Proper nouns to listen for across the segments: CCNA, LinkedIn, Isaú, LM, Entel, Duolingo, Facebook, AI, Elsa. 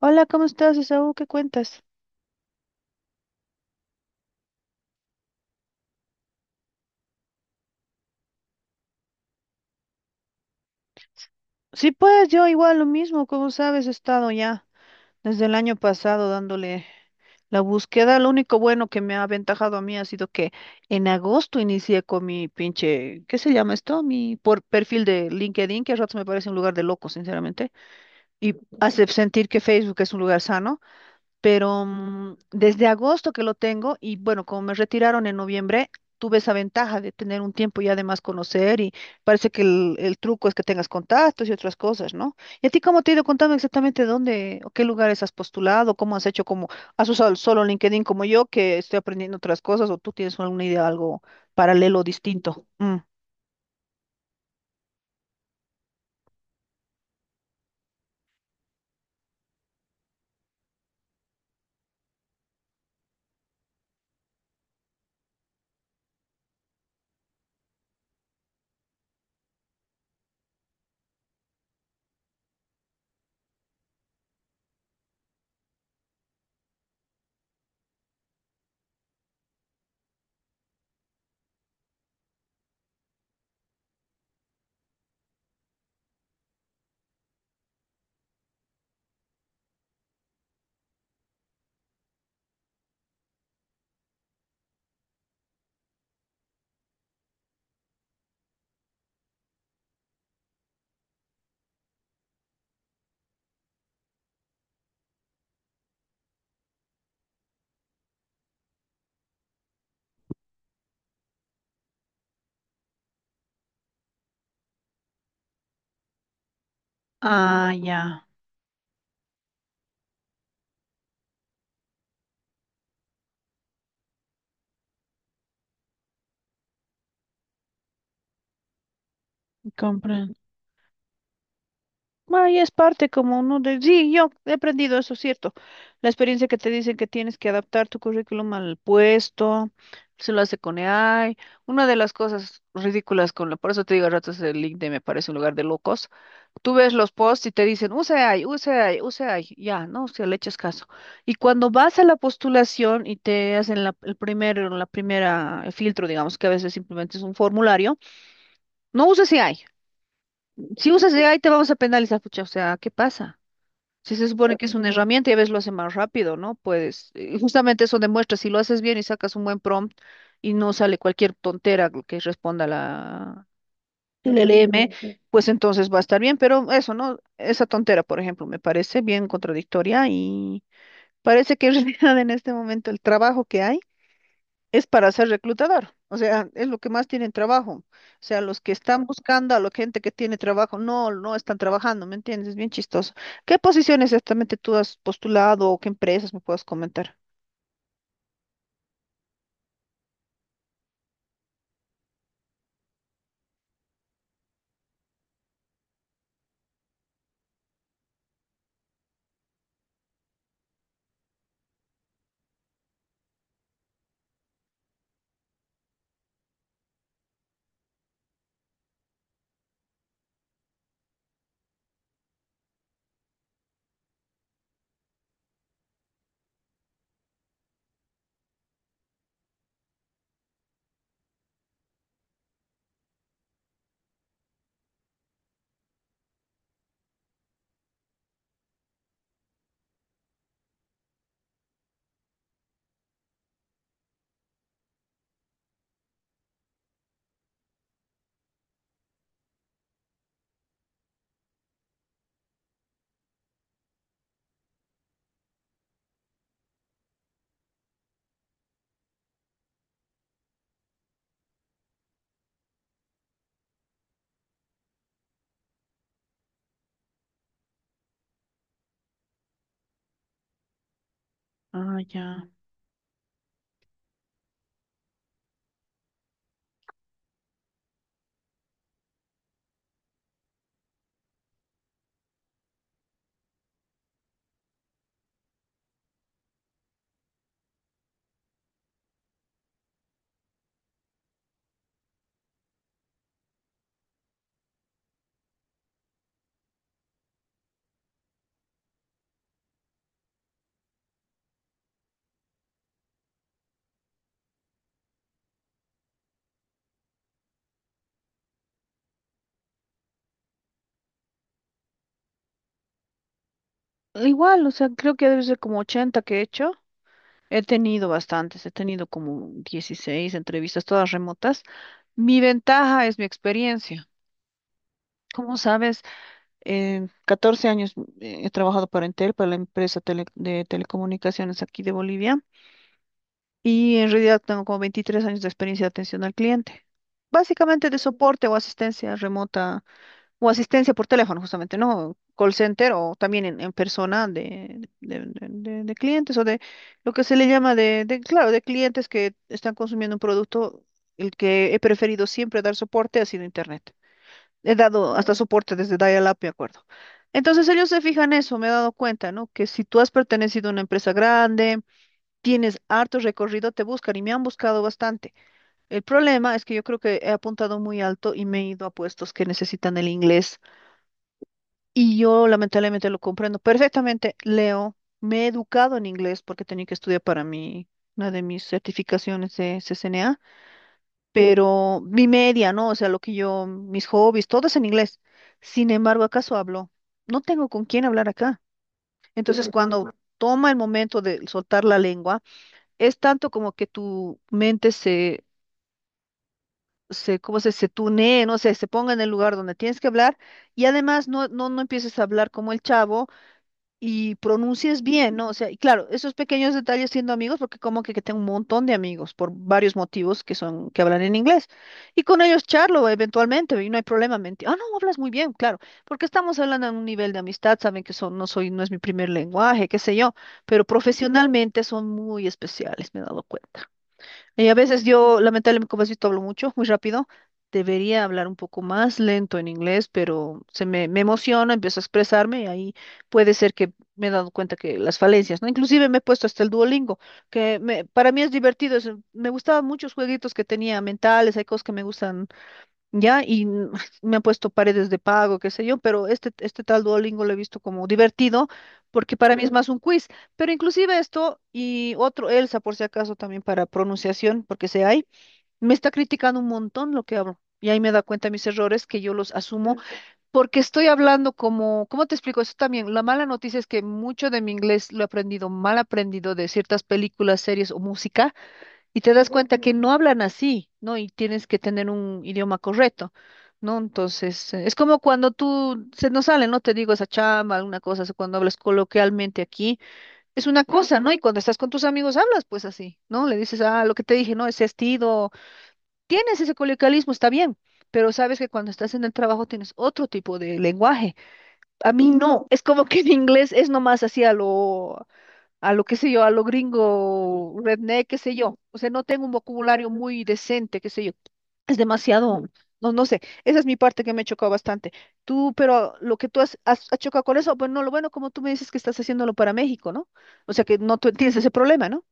Hola, ¿cómo estás, Isaú? ¿Qué cuentas? Sí, pues yo igual lo mismo, como sabes, he estado ya desde el año pasado dándole la búsqueda. Lo único bueno que me ha aventajado a mí ha sido que en agosto inicié con mi pinche, ¿qué se llama esto? Mi por perfil de LinkedIn, que a ratos me parece un lugar de locos, sinceramente, y hace sentir que Facebook es un lugar sano. Pero desde agosto que lo tengo y bueno, como me retiraron en noviembre, tuve esa ventaja de tener un tiempo y además conocer y parece que el truco es que tengas contactos y otras cosas, ¿no? ¿Y a ti cómo te ha ido contando exactamente dónde o qué lugares has postulado, cómo has hecho, cómo has usado el solo LinkedIn como yo que estoy aprendiendo otras cosas o tú tienes alguna idea, algo paralelo, distinto? Mm. Ah, ya, comprendo. Ah, es parte como uno de... Sí, yo he aprendido eso, cierto. La experiencia que te dicen que tienes que adaptar tu currículum al puesto, se lo hace con AI. Una de las cosas ridículas con la... Por eso te digo a ratos el LinkedIn me parece un lugar de locos. Tú ves los posts y te dicen, use AI, use AI, use AI. Ya, no, si le echas caso. Y cuando vas a la postulación y te hacen la, el primer, la primera el filtro, digamos, que a veces simplemente es un formulario, no uses AI. Si usas AI te vamos a penalizar, pucha, o sea, ¿qué pasa? Si se supone que es una herramienta y a veces lo hace más rápido, ¿no? Pues justamente eso demuestra, si lo haces bien y sacas un buen prompt y no sale cualquier tontera que responda la el LM, pues entonces va a estar bien, pero eso, ¿no? Esa tontera, por ejemplo, me parece bien contradictoria y parece que en realidad en este momento el trabajo que hay es para ser reclutador. O sea, es lo que más tienen trabajo. O sea, los que están buscando a la gente que tiene trabajo, no, no están trabajando, ¿me entiendes? Es bien chistoso. ¿Qué posiciones exactamente tú has postulado o qué empresas me puedes comentar? Ah, ya. Igual, o sea, creo que debe ser como 80 que he hecho. He tenido bastantes, he tenido como 16 entrevistas, todas remotas. Mi ventaja es mi experiencia. Como sabes, 14 años he trabajado para Entel, para la empresa de telecomunicaciones aquí de Bolivia, y en realidad tengo como 23 años de experiencia de atención al cliente. Básicamente de soporte o asistencia remota, o asistencia por teléfono justamente, ¿no? Call center o también en persona de, de clientes o de lo que se le llama de, claro, de clientes que están consumiendo un producto, el que he preferido siempre dar soporte ha sido Internet. He dado hasta soporte desde dial-up, me acuerdo. Entonces ellos se fijan eso, me he dado cuenta, ¿no? Que si tú has pertenecido a una empresa grande, tienes harto recorrido, te buscan y me han buscado bastante. El problema es que yo creo que he apuntado muy alto y me he ido a puestos que necesitan el inglés y yo lamentablemente lo comprendo perfectamente, leo, me he educado en inglés porque tenía que estudiar para mí, una de mis certificaciones de CCNA, pero mi media, ¿no? O sea, lo que yo, mis hobbies, todo es en inglés. Sin embargo, ¿acaso hablo? No tengo con quién hablar acá. Entonces, Ujú, cuando toma el momento de soltar la lengua, es tanto como que tu mente ¿cómo se tunee, no sé, se ponga en el lugar donde tienes que hablar y además no empieces a hablar como el chavo y pronuncies bien, ¿no? O sea, y claro, esos pequeños detalles siendo amigos, porque como que tengo un montón de amigos por varios motivos que son, que hablan en inglés. Y con ellos charlo eventualmente y no hay problema. Mentir. Ah, no, hablas muy bien, claro, porque estamos hablando en un nivel de amistad, saben que son, no soy, no es mi primer lenguaje, qué sé yo, pero profesionalmente son muy especiales, me he dado cuenta. Y a veces yo, lamentablemente, como has visto, hablo mucho, muy rápido. Debería hablar un poco más lento en inglés, pero se me, me emociona, empiezo a expresarme y ahí puede ser que me he dado cuenta que las falencias, ¿no? Inclusive me he puesto hasta el Duolingo, que para mí es divertido. Me gustaban muchos jueguitos que tenía mentales, hay cosas que me gustan ya, y me han puesto paredes de pago, qué sé yo, pero este tal Duolingo lo he visto como divertido, porque para mí es más un quiz, pero inclusive esto y otro Elsa, por si acaso, también para pronunciación, porque sé hay, me está criticando un montón lo que hablo, y ahí me da cuenta mis errores, que yo los asumo, porque estoy hablando como, ¿cómo te explico eso también? La mala noticia es que mucho de mi inglés lo he aprendido mal aprendido de ciertas películas, series o música y te das cuenta que no hablan así, ¿no? Y tienes que tener un idioma correcto, ¿no? Entonces, es como cuando tú, se nos sale, ¿no? Te digo esa chamba, alguna cosa, así, cuando hablas coloquialmente aquí, es una cosa, ¿no? Y cuando estás con tus amigos hablas pues así, ¿no? Le dices, ah, lo que te dije, ¿no? Ese estilo, tienes ese coloquialismo, está bien, pero sabes que cuando estás en el trabajo tienes otro tipo de lenguaje. A mí no, es como que en inglés es nomás así a lo qué sé yo, a lo gringo, redneck, qué sé yo. O sea, no tengo un vocabulario muy decente, qué sé yo. Es demasiado, no, no sé. Esa es mi parte que me ha chocado bastante. Tú, pero lo que tú has chocado con eso, bueno, lo bueno, como tú me dices que estás haciéndolo para México, ¿no? O sea, que no tú tienes ese problema, ¿no?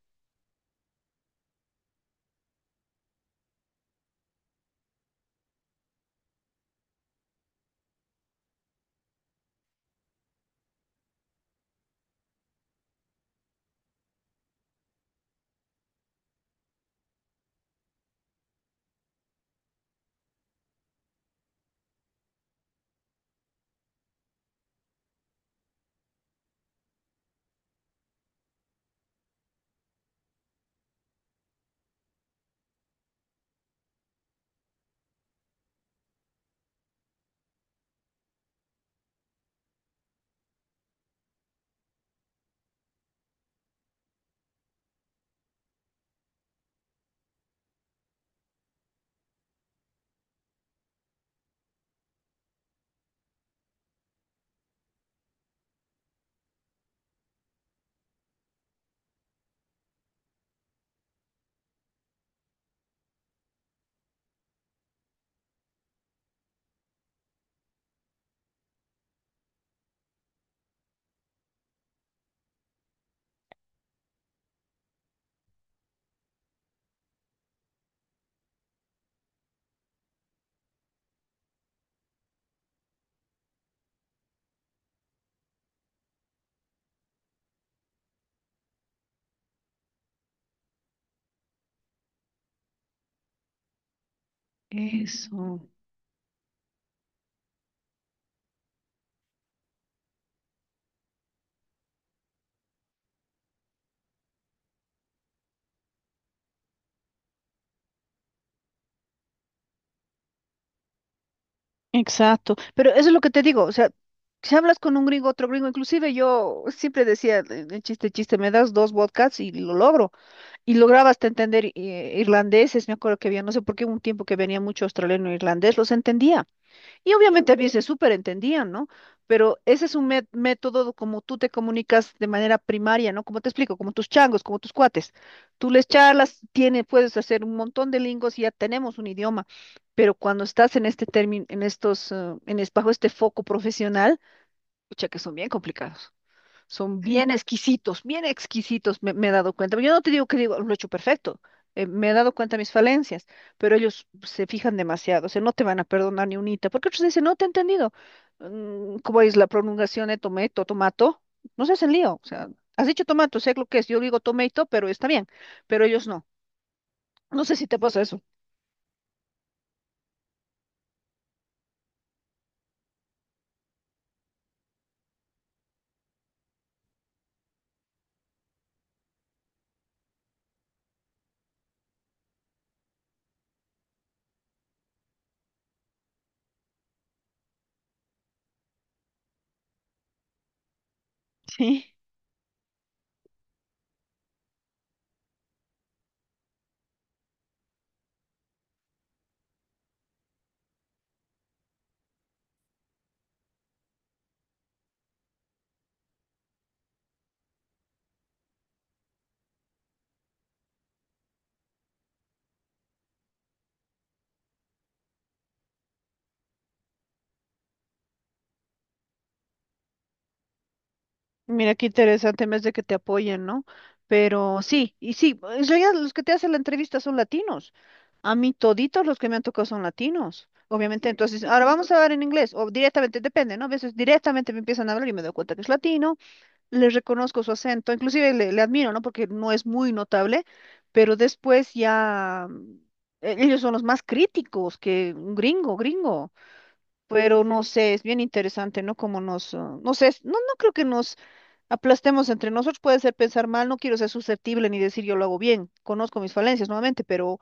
Eso, exacto. Pero eso es lo que te digo, o sea, si hablas con un gringo, otro gringo, inclusive yo siempre decía, el chiste, chiste, me das dos vodkas y lo logro. Y lograbaste entender irlandeses, me acuerdo que había, no sé por qué, un tiempo que venía mucho australiano e irlandés, los entendía. Y obviamente a mí se súper entendían, ¿no? Pero ese es un método como tú te comunicas de manera primaria, ¿no? Como te explico, como tus changos, como tus cuates. Tú les charlas, tiene, puedes hacer un montón de lingos y ya tenemos un idioma. Pero cuando estás en este término, en estos, en bajo este foco profesional, escucha que son bien complicados. Son bien exquisitos, me he dado cuenta. Yo no te digo que digo, lo he hecho perfecto, me he dado cuenta de mis falencias, pero ellos se fijan demasiado, o sea, no te van a perdonar ni unita, porque otros dicen, no te he entendido. ¿Cómo es la pronunciación de tomato, tomato? No se hacen lío, o sea, has dicho tomato, sé lo que es, yo digo tomato, pero está bien, pero ellos no. No sé si te pasa eso. Sí. Mira qué interesante, más de que te apoyen, ¿no? Pero sí, y sí, en realidad los que te hacen la entrevista son latinos. A mí toditos los que me han tocado son latinos. Obviamente, entonces, ahora vamos a hablar en inglés, o directamente, depende, ¿no? A veces directamente me empiezan a hablar y me doy cuenta que es latino, le reconozco su acento, inclusive le, le admiro, ¿no? Porque no es muy notable, pero después ya ellos son los más críticos que un gringo, gringo. Pero no sé, es bien interesante, ¿no? Como nos, ah, no sé, no, no creo que nos aplastemos entre nosotros, puede ser pensar mal, no quiero ser susceptible ni decir yo lo hago bien, conozco mis falencias nuevamente, pero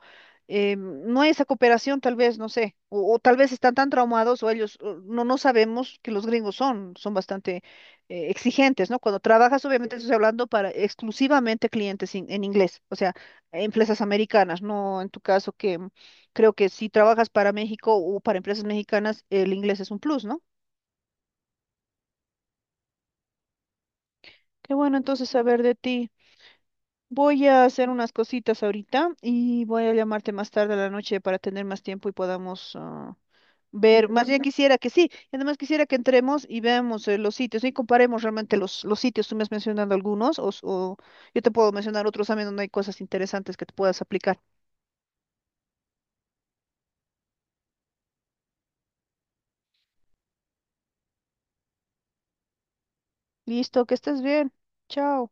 no hay esa cooperación tal vez, no sé, o tal vez están tan traumados o ellos, o no, no sabemos que los gringos son, son bastante exigentes, ¿no? Cuando trabajas, obviamente estoy hablando para exclusivamente clientes en inglés, o sea, empresas americanas, no en tu caso que creo que si trabajas para México o para empresas mexicanas, el inglés es un plus, ¿no? Qué bueno entonces saber de ti. Voy a hacer unas cositas ahorita y voy a llamarte más tarde a la noche para tener más tiempo y podamos ah, ver. Más bien quisiera que sí, y además quisiera que entremos y veamos los sitios y comparemos realmente los sitios. Tú me has mencionado algunos o, o yo te puedo mencionar otros también donde hay cosas interesantes que te puedas aplicar. Listo, que estés bien. Chao.